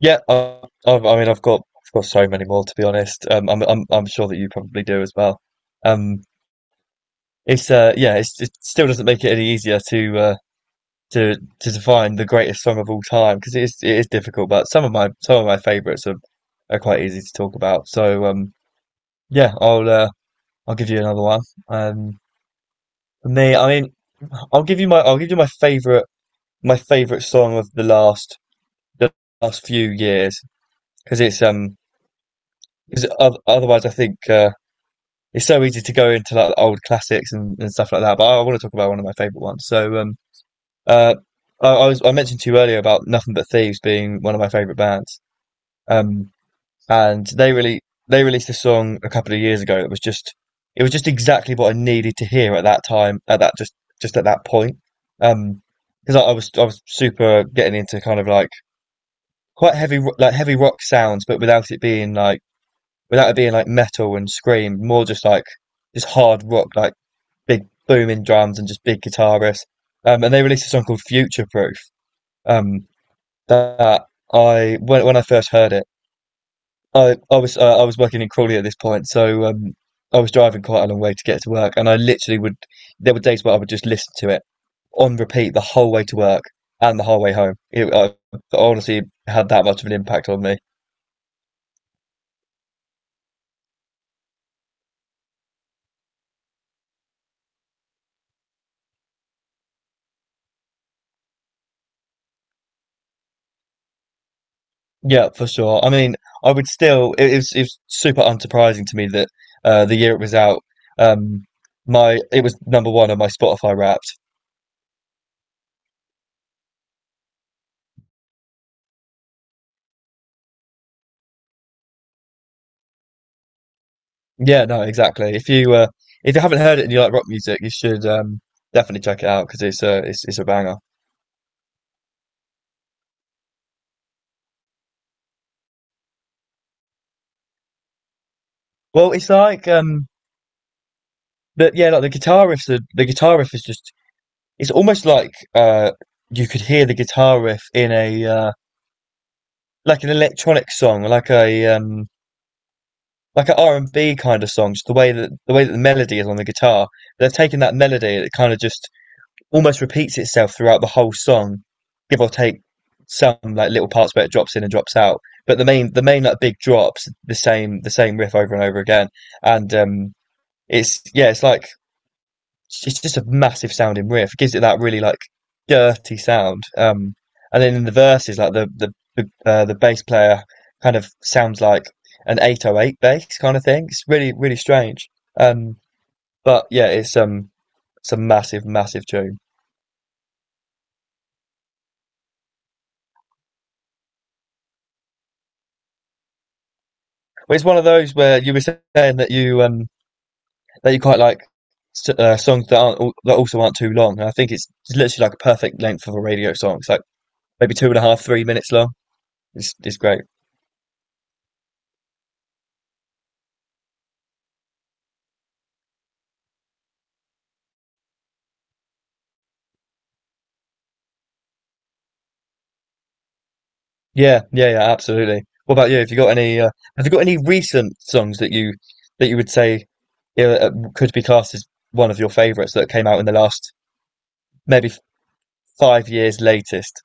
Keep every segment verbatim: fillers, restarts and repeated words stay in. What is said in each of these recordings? Yeah, I, i mean, I've got, I've got so many more to be honest. Um, I'm, I'm, I'm sure that you probably do as well. Um, it's, uh, yeah, it's, it still doesn't make it any easier to, uh, to, to define the greatest song of all time because it is, it is difficult. But some of my, some of my favourites are, are quite easy to talk about. So, um, yeah, I'll, uh, I'll give you another one. Um, for me, I mean, I'll give you my, I'll give you my favourite, my favourite song of the last, the last few years because it's, um, because otherwise, I think. Uh, it's so easy to go into like old classics and, and stuff like that. But I, I want to talk about one of my favorite ones. So, um, uh, I, I was I mentioned to you earlier about Nothing But Thieves being one of my favorite bands. Um, and they really they released a song a couple of years ago that was just it was just exactly what I needed to hear at that time, at that just just at that point. Um, because I, I was I was super getting into kind of like quite heavy ro- like heavy rock sounds, but without it being like without it being like metal and scream, more just like just hard rock, like big booming drums and just big guitarists. Um, and they released a song called Future Proof. Um, that I when when I first heard it, I I was uh, I was working in Crawley at this point, so um, I was driving quite a long way to get to work, and I literally would. There were days where I would just listen to it on repeat the whole way to work and the whole way home. It, I honestly had that much of an impact on me. Yeah, for sure. I mean, I would still. It, it was super unsurprising to me that uh, the year it was out, um, my it was number one on my Spotify Wrapped. Yeah, no, exactly. If you uh, if you haven't heard it and you like rock music, you should um, definitely check it out because it's a it's it's a banger. Well, it's like um, but yeah, like the guitar riffs. The, the guitar riff is just. It's almost like uh, you could hear the guitar riff in a uh, like an electronic song, like a um, like an R and B kind of songs. The way that the way that the melody is on the guitar, they've taken that melody that kind of just almost repeats itself throughout the whole song, give or take some like little parts where it drops in and drops out. But the main the main like big drops the same the same riff over and over again, and um, it's, yeah, it's like it's just a massive sounding riff. It gives it that really like dirty sound. Um, and then in the verses, like the the the, uh, the bass player kind of sounds like an eight oh eight bass kind of thing. It's really really strange. Um, but yeah, it's um it's a massive massive tune. But it's one of those where you were saying that you um that you quite like uh, songs that aren't that also aren't too long. And I think it's, it's literally like a perfect length of a radio song. It's like maybe two and a half three minutes long. It's it's great. Yeah, yeah, yeah, absolutely. What about you? Have you got any? Uh, have you got any recent songs that you that you would say uh, uh, could be classed as one of your favorites that came out in the last maybe f- five years latest?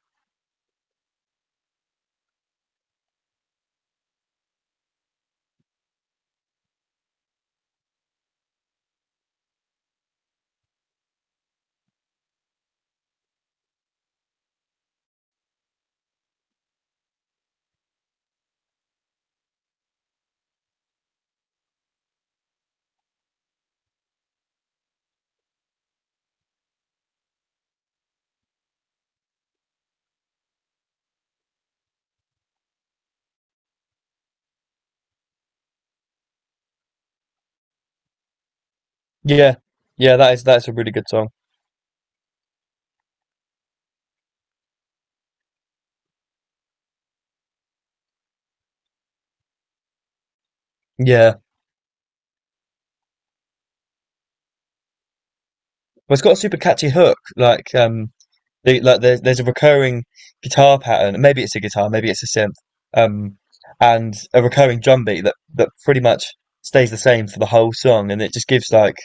Yeah, yeah, that is that's a really good song. Yeah, well, it's got a super catchy hook. Like, um, the, like there's there's a recurring guitar pattern. Maybe it's a guitar, maybe it's a synth, um, and a recurring drum beat that that pretty much stays the same for the whole song, and it just gives like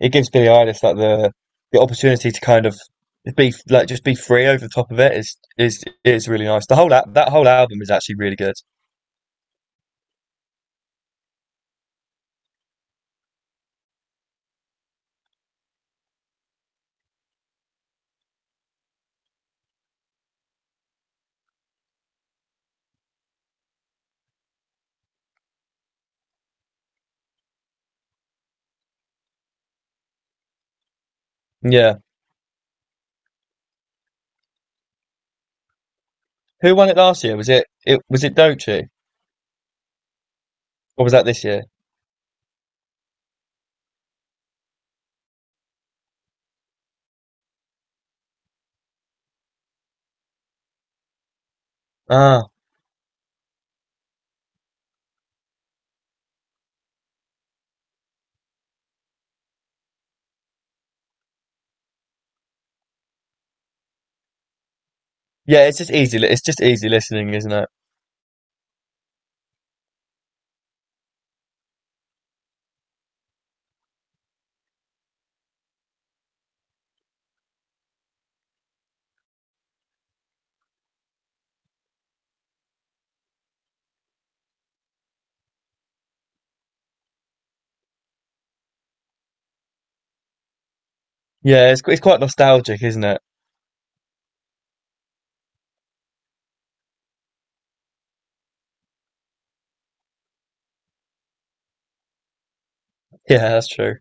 it gives Billy Eilish like the the opportunity to kind of be like just be free over the top of it is is is really nice. The whole al- that whole album is actually really good. Yeah. Who won it last year? Was it it was it Dochi or was that this year? Ah, yeah. It's just easy. li- It's just easy listening, isn't it? Yeah. It's qu- it's quite nostalgic, isn't it? Yeah, that's true.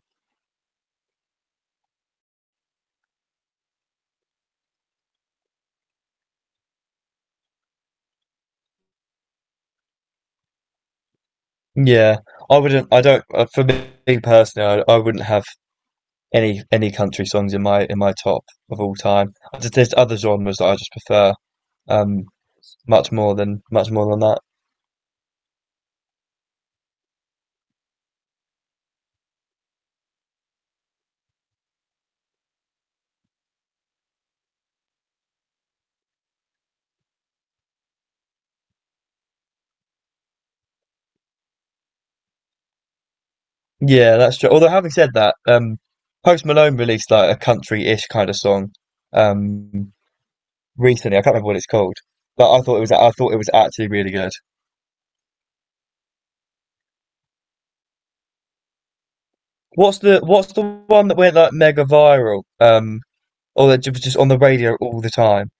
Yeah. I wouldn't. I don't. uh, For me personally, I, I wouldn't have any any country songs in my in my top of all time. There's there's other genres that I just prefer. Um, Much more than much more than that. Yeah, that's true. Although having said that, um, Post Malone released like a country-ish kind of song um recently. I can't remember what it's called, but I thought it was I thought it was actually really good. What's the what's the one that went like mega viral? Um, or that ju- was just on the radio all the time?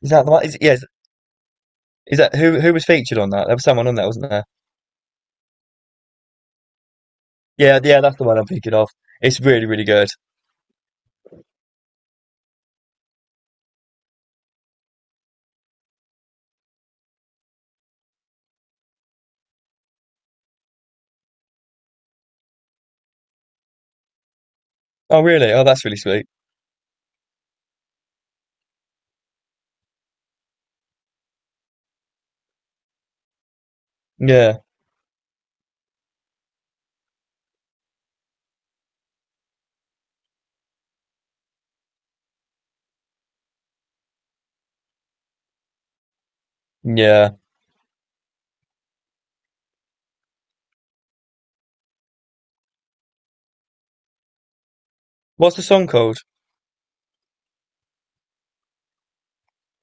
Is that the one? Is yeah, is, is that who who was featured on that? There was someone on that, wasn't there? Yeah, yeah, that's the one I'm thinking of. It's really really good. Oh, really? Oh, that's really sweet. Yeah, yeah. What's the song called?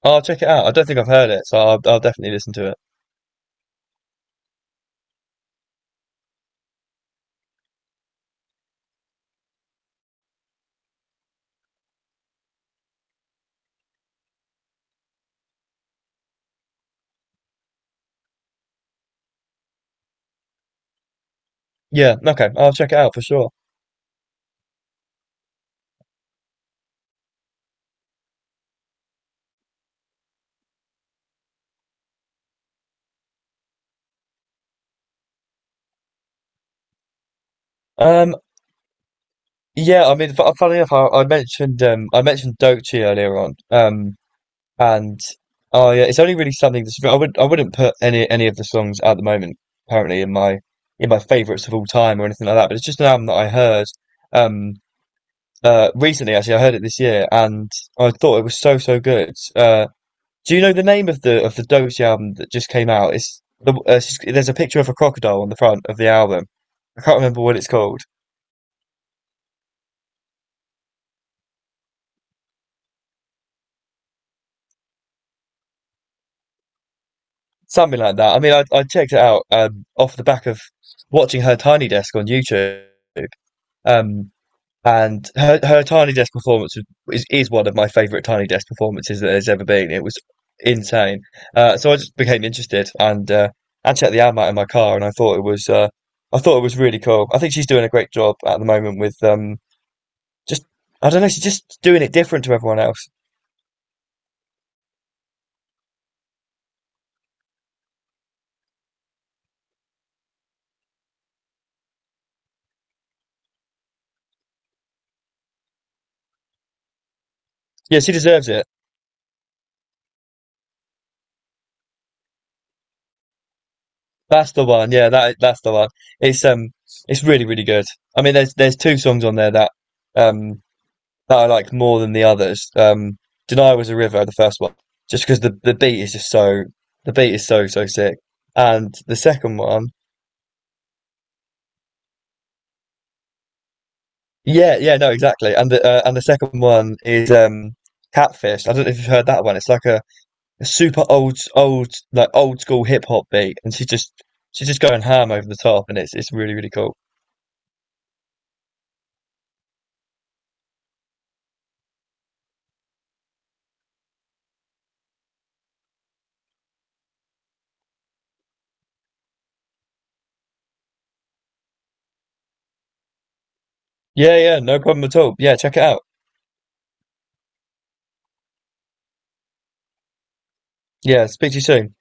I'll check it out. I don't think I've heard it, so I'll, I'll definitely listen to it. Yeah, okay, I'll check it out for sure. Um, yeah, I mean, fu- funny enough, I, I mentioned um, I mentioned Dochi earlier on, um, and oh yeah, it's only really something that's I would I wouldn't put any any of the songs at the moment apparently in my in my favorites of all time or anything like that, but it's just an album that I heard um uh recently. Actually, I heard it this year, and I thought it was so so good. Uh, Do you know the name of the of the Doty album that just came out? It's the uh, she's, there's a picture of a crocodile on the front of the album. I can't remember what it's called. Something like that. I mean, I I checked it out um, off the back of watching her Tiny Desk on YouTube. Um, and her her Tiny Desk performance is is one of my favorite Tiny Desk performances that there's ever been. It was insane. Uh, so I just became interested and uh, and checked the album out in my car, and I thought it was uh, I thought it was really cool. I think she's doing a great job at the moment with um Just I don't know, she's just doing it different to everyone else. Yeah, she deserves it. That's the one. Yeah, that that's the one. It's um, it's really really good. I mean, there's there's two songs on there that um that I like more than the others. Um, "Denial" was a river, the first one, just because the the beat is just so the beat is so so sick. And the second one, yeah, yeah, no, exactly. And the uh, and the second one is um, Catfish. I don't know if you've heard that one. It's like a a super old old like old school hip hop beat, and she's just she's just going ham over the top, and it's it's really really cool. Yeah, yeah, no problem at all. Yeah, check it out. Yeah, speak to you soon.